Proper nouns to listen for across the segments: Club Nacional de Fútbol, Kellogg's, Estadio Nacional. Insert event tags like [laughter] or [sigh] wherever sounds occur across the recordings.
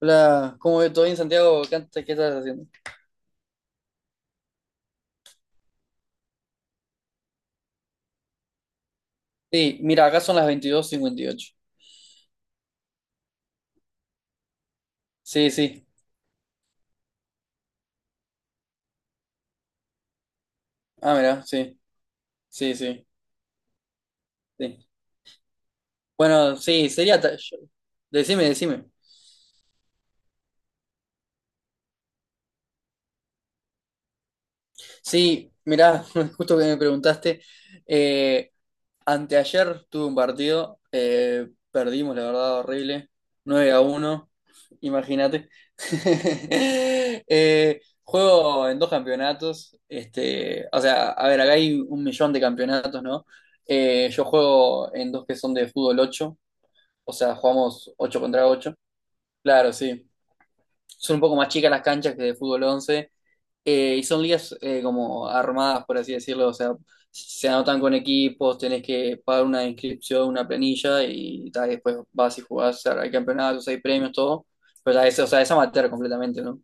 Hola, ¿cómo ve todo bien, Santiago? ¿Qué, qué estás haciendo? Sí, mira, acá son las 22:58. Sí, sí. Ah, mira, sí, sí, sí, sí. Bueno, sí, sería. Decime, decime. Sí, mira, [laughs] justo que me preguntaste, eh, anteayer tuve un partido, perdimos, la verdad, horrible, 9-1. Imagínate. [laughs] Juego en dos campeonatos, este, o sea, a ver, acá hay un millón de campeonatos, ¿no? Yo juego en dos que son de fútbol 8, o sea, jugamos 8 contra 8. Claro, sí. Son un poco más chicas las canchas que de fútbol 11. Y son ligas como armadas, por así decirlo, o sea, se anotan con equipos, tenés que pagar una inscripción, una planilla y después vas y jugás, o sea, hay campeonatos, hay premios, todo, pero ta, es, o sea, es amateur completamente, ¿no?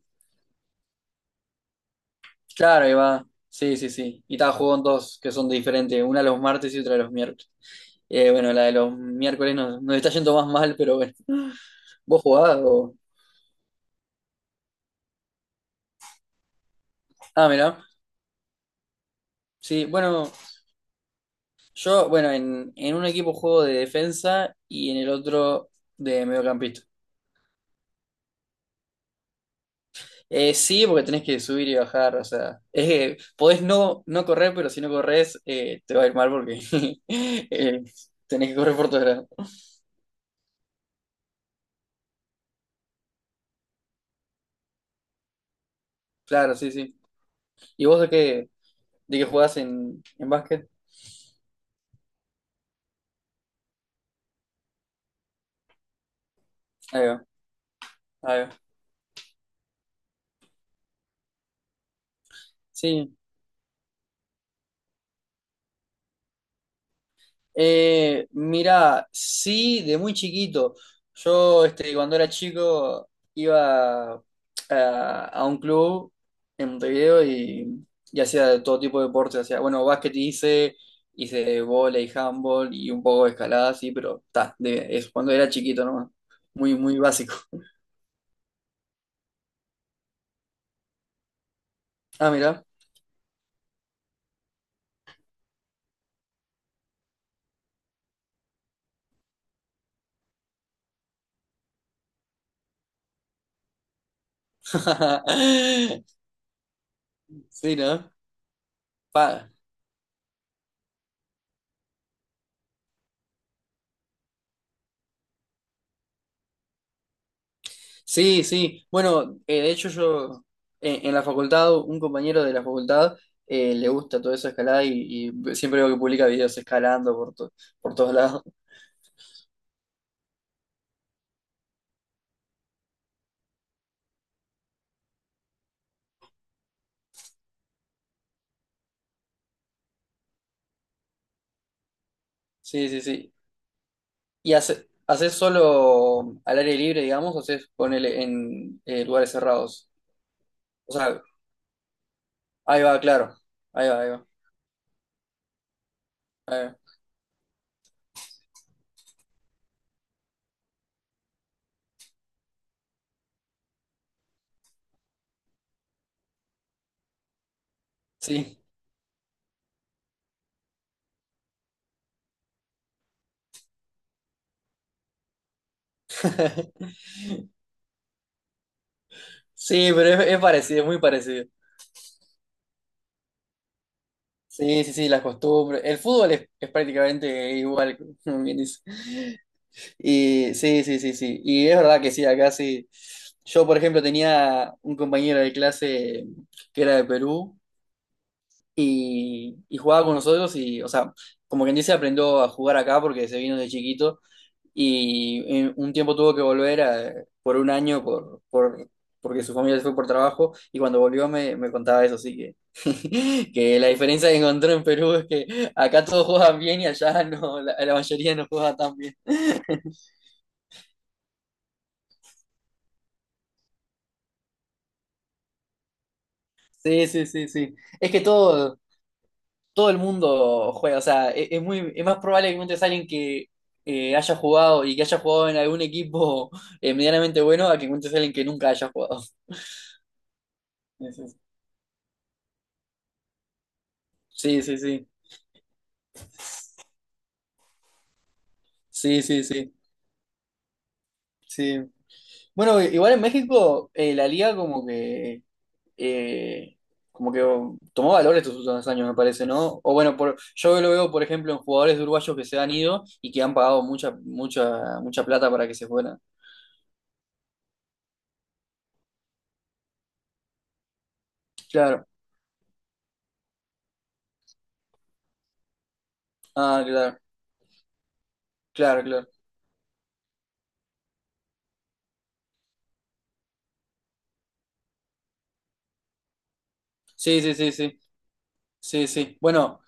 Claro, ahí va, sí, sí, sí, y está, juegan dos que son diferentes, una los martes y otra los miércoles. Bueno, la de los miércoles nos está yendo más mal, pero bueno. [laughs] ¿Vos jugás o? Ah, mirá, sí, bueno, yo, bueno, en un equipo juego de defensa y en el otro de mediocampista. Sí, porque tenés que subir y bajar, o sea, es que podés no correr, pero si no corres te va a ir mal porque [laughs] eh, tenés que correr por todos lados. Claro, sí, sí. ¿Y vos de qué jugás en básquet? Ahí va, ahí va. Sí. Mirá, sí, de muy chiquito. Yo, este, cuando era chico, iba a un club en Montevideo y hacía todo tipo de deportes. Hacía, bueno, básquet hice vóley, handball y un poco de escalada, sí, pero ta, es cuando era chiquito nomás. Muy, muy básico. Ah, mira, [laughs] sí, ¿no? Pa. Sí, sí. Bueno, de hecho yo en la facultad, un compañero de la facultad le gusta todo eso escalada y siempre veo que publica videos escalando por, por todos lados. [laughs] Sí, sí, sí. ¿Y haces solo al aire libre, digamos, o haces ponele en lugares cerrados? O sea, ahí va, claro. Ahí va, ahí va. Ahí va. Sí. [laughs] Sí, pero es parecido, es muy parecido. Sí, sí, sí, las costumbres. El fútbol es prácticamente igual, [laughs] como bien dice. Y sí, sí, sí, sí. Y es verdad que sí, acá sí. Yo, por ejemplo, tenía un compañero de clase que era de Perú y jugaba con nosotros y, o sea, como quien dice, aprendió a jugar acá porque se vino de chiquito y en un tiempo tuvo que volver por un año porque su familia se fue por trabajo y cuando volvió me contaba eso, así que, [laughs] que la diferencia que encontró en Perú es que acá todos juegan bien y allá no, la mayoría no juega tan. Sí, sí, sí, sí. Es que todo el mundo juega, o sea, es más probable que encuentres a alguien que haya jugado y que haya jugado en algún equipo [laughs] medianamente bueno a que encuentres a alguien que nunca haya jugado. [laughs] Sí, sí, sí. Sí, sí, sí. Sí. Bueno, igual en México la liga eh, como que tomó valor estos últimos años, me parece, ¿no? O bueno, yo lo veo, por ejemplo, en jugadores uruguayos que se han ido y que han pagado mucha, mucha, mucha plata para que se fueran. Claro. Ah, claro, claro, claro. Sí, sí, sí, sí, sí, sí. Bueno,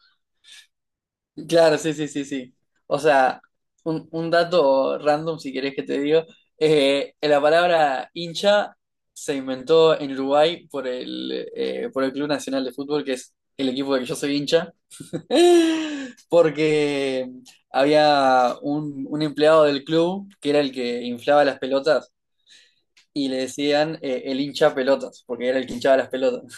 claro, sí, sí, sí, sí. O sea, un dato random, si querés que te digo, la palabra hincha se inventó en Uruguay por el Club Nacional de Fútbol, que es el equipo del que yo soy hincha, [laughs] porque había un empleado del club que era el que inflaba las pelotas y le decían el hincha pelotas, porque era el que hinchaba las pelotas.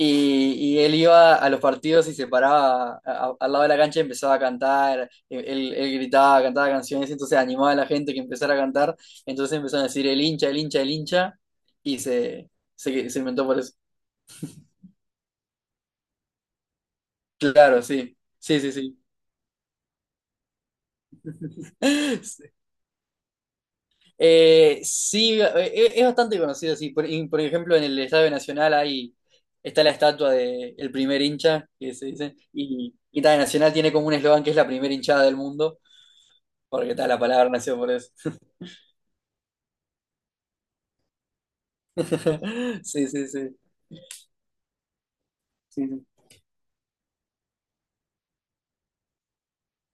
Y él iba a los partidos y se paraba al lado de la cancha y empezaba a cantar, él gritaba, cantaba canciones, entonces animaba a la gente que empezara a cantar, entonces empezaron a decir el hincha, el hincha, el hincha, y se inventó por eso. Claro, sí, sí, sí, sí. [laughs] Sí, es bastante conocido, sí. Por ejemplo, en el Estadio Nacional hay, está la estatua del primer hincha, que se dice, y también Nacional tiene como un eslogan que es la primera hinchada del mundo. Porque tal la palabra nació por eso. [laughs] Sí, sí, sí. Sí, sí.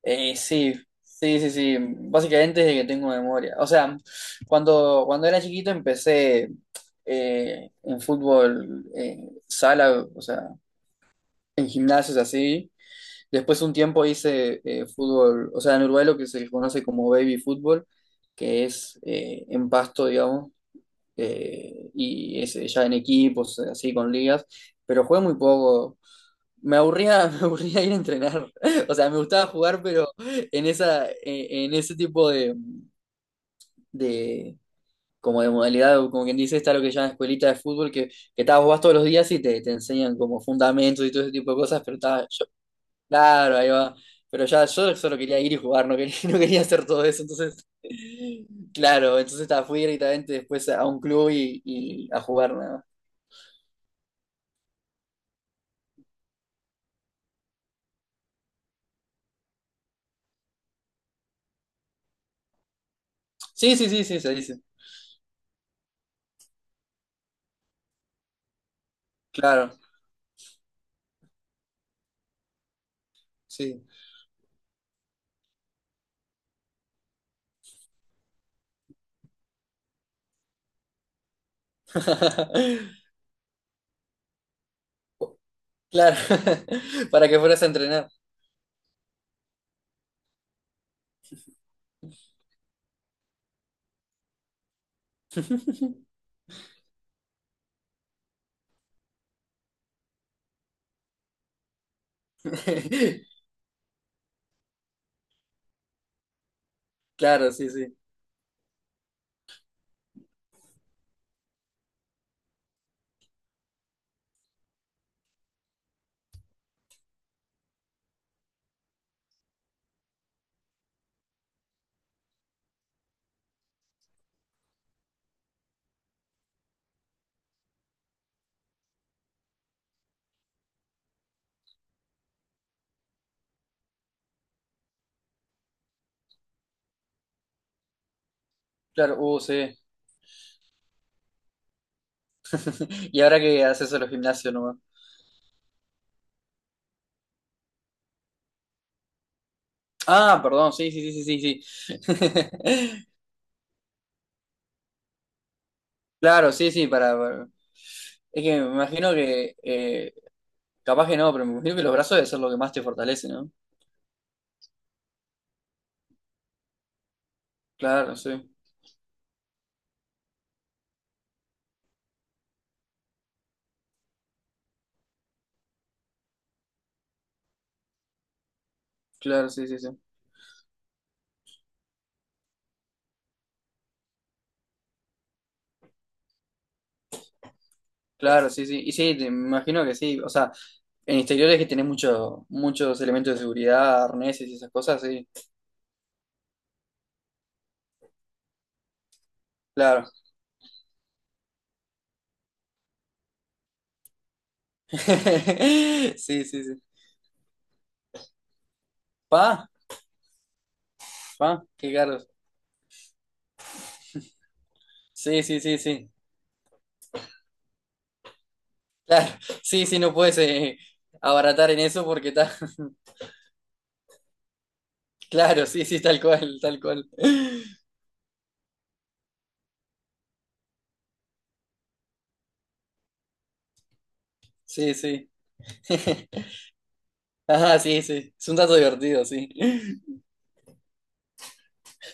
Sí, sí, sí, sí. Básicamente desde que tengo memoria. O sea, cuando era chiquito empecé en fútbol, sala, o sea, en gimnasios así. Después un tiempo hice fútbol, o sea, en Uruguay lo que se conoce como baby fútbol, que es en pasto, digamos, y es ya en equipos, así con ligas, pero jugué muy poco. Me aburría, [laughs] me aburría ir a entrenar. [laughs] O sea, me gustaba jugar, pero en ese tipo de, de- como de modalidad, o como quien dice, está lo que llaman escuelita de fútbol, que vas todos los días y te enseñan como fundamentos y todo ese tipo de cosas, pero estaba yo, claro, ahí va. Pero ya yo solo quería ir y jugar, no quería, [laughs] no quería hacer todo eso. Entonces, [laughs] claro, entonces fui directamente después a un club y a jugar nada más. Sí, sí, sí, sí, se dice. Claro, sí. [laughs] Claro, [laughs] para que fueras a entrenar. [laughs] Claro, sí, sí. Claro, sí. [laughs] Y ahora que haces solo gimnasio nomás. Ah, perdón, sí, sí, sí, sí, sí. [laughs] Claro, sí, sí. Es que me imagino que, capaz que no, pero me imagino que los brazos deben ser lo que más te fortalece, ¿no? Claro, sí, claro, sí, sí, sí. Claro, sí, sí. Y sí, me imagino que sí. O sea, en exteriores que tenés muchos elementos de seguridad, arneses y esas cosas, sí. Claro. [laughs] Sí, sí, sí. Pa, pa, qué caros. Sí, sí, sí, sí. Claro, [laughs] sí, sí, no puedes abaratar en eso porque está. [laughs] Claro, sí, sí, tal cual, tal cual. Sí, sí. [laughs] Ajá, sí, sí. Es un dato divertido, sí. [laughs]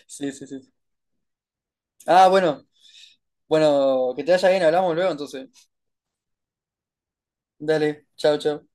Sí, sí, sí. Ah, bueno, bueno, que te vaya bien, hablamos luego entonces. Dale, chao, chao.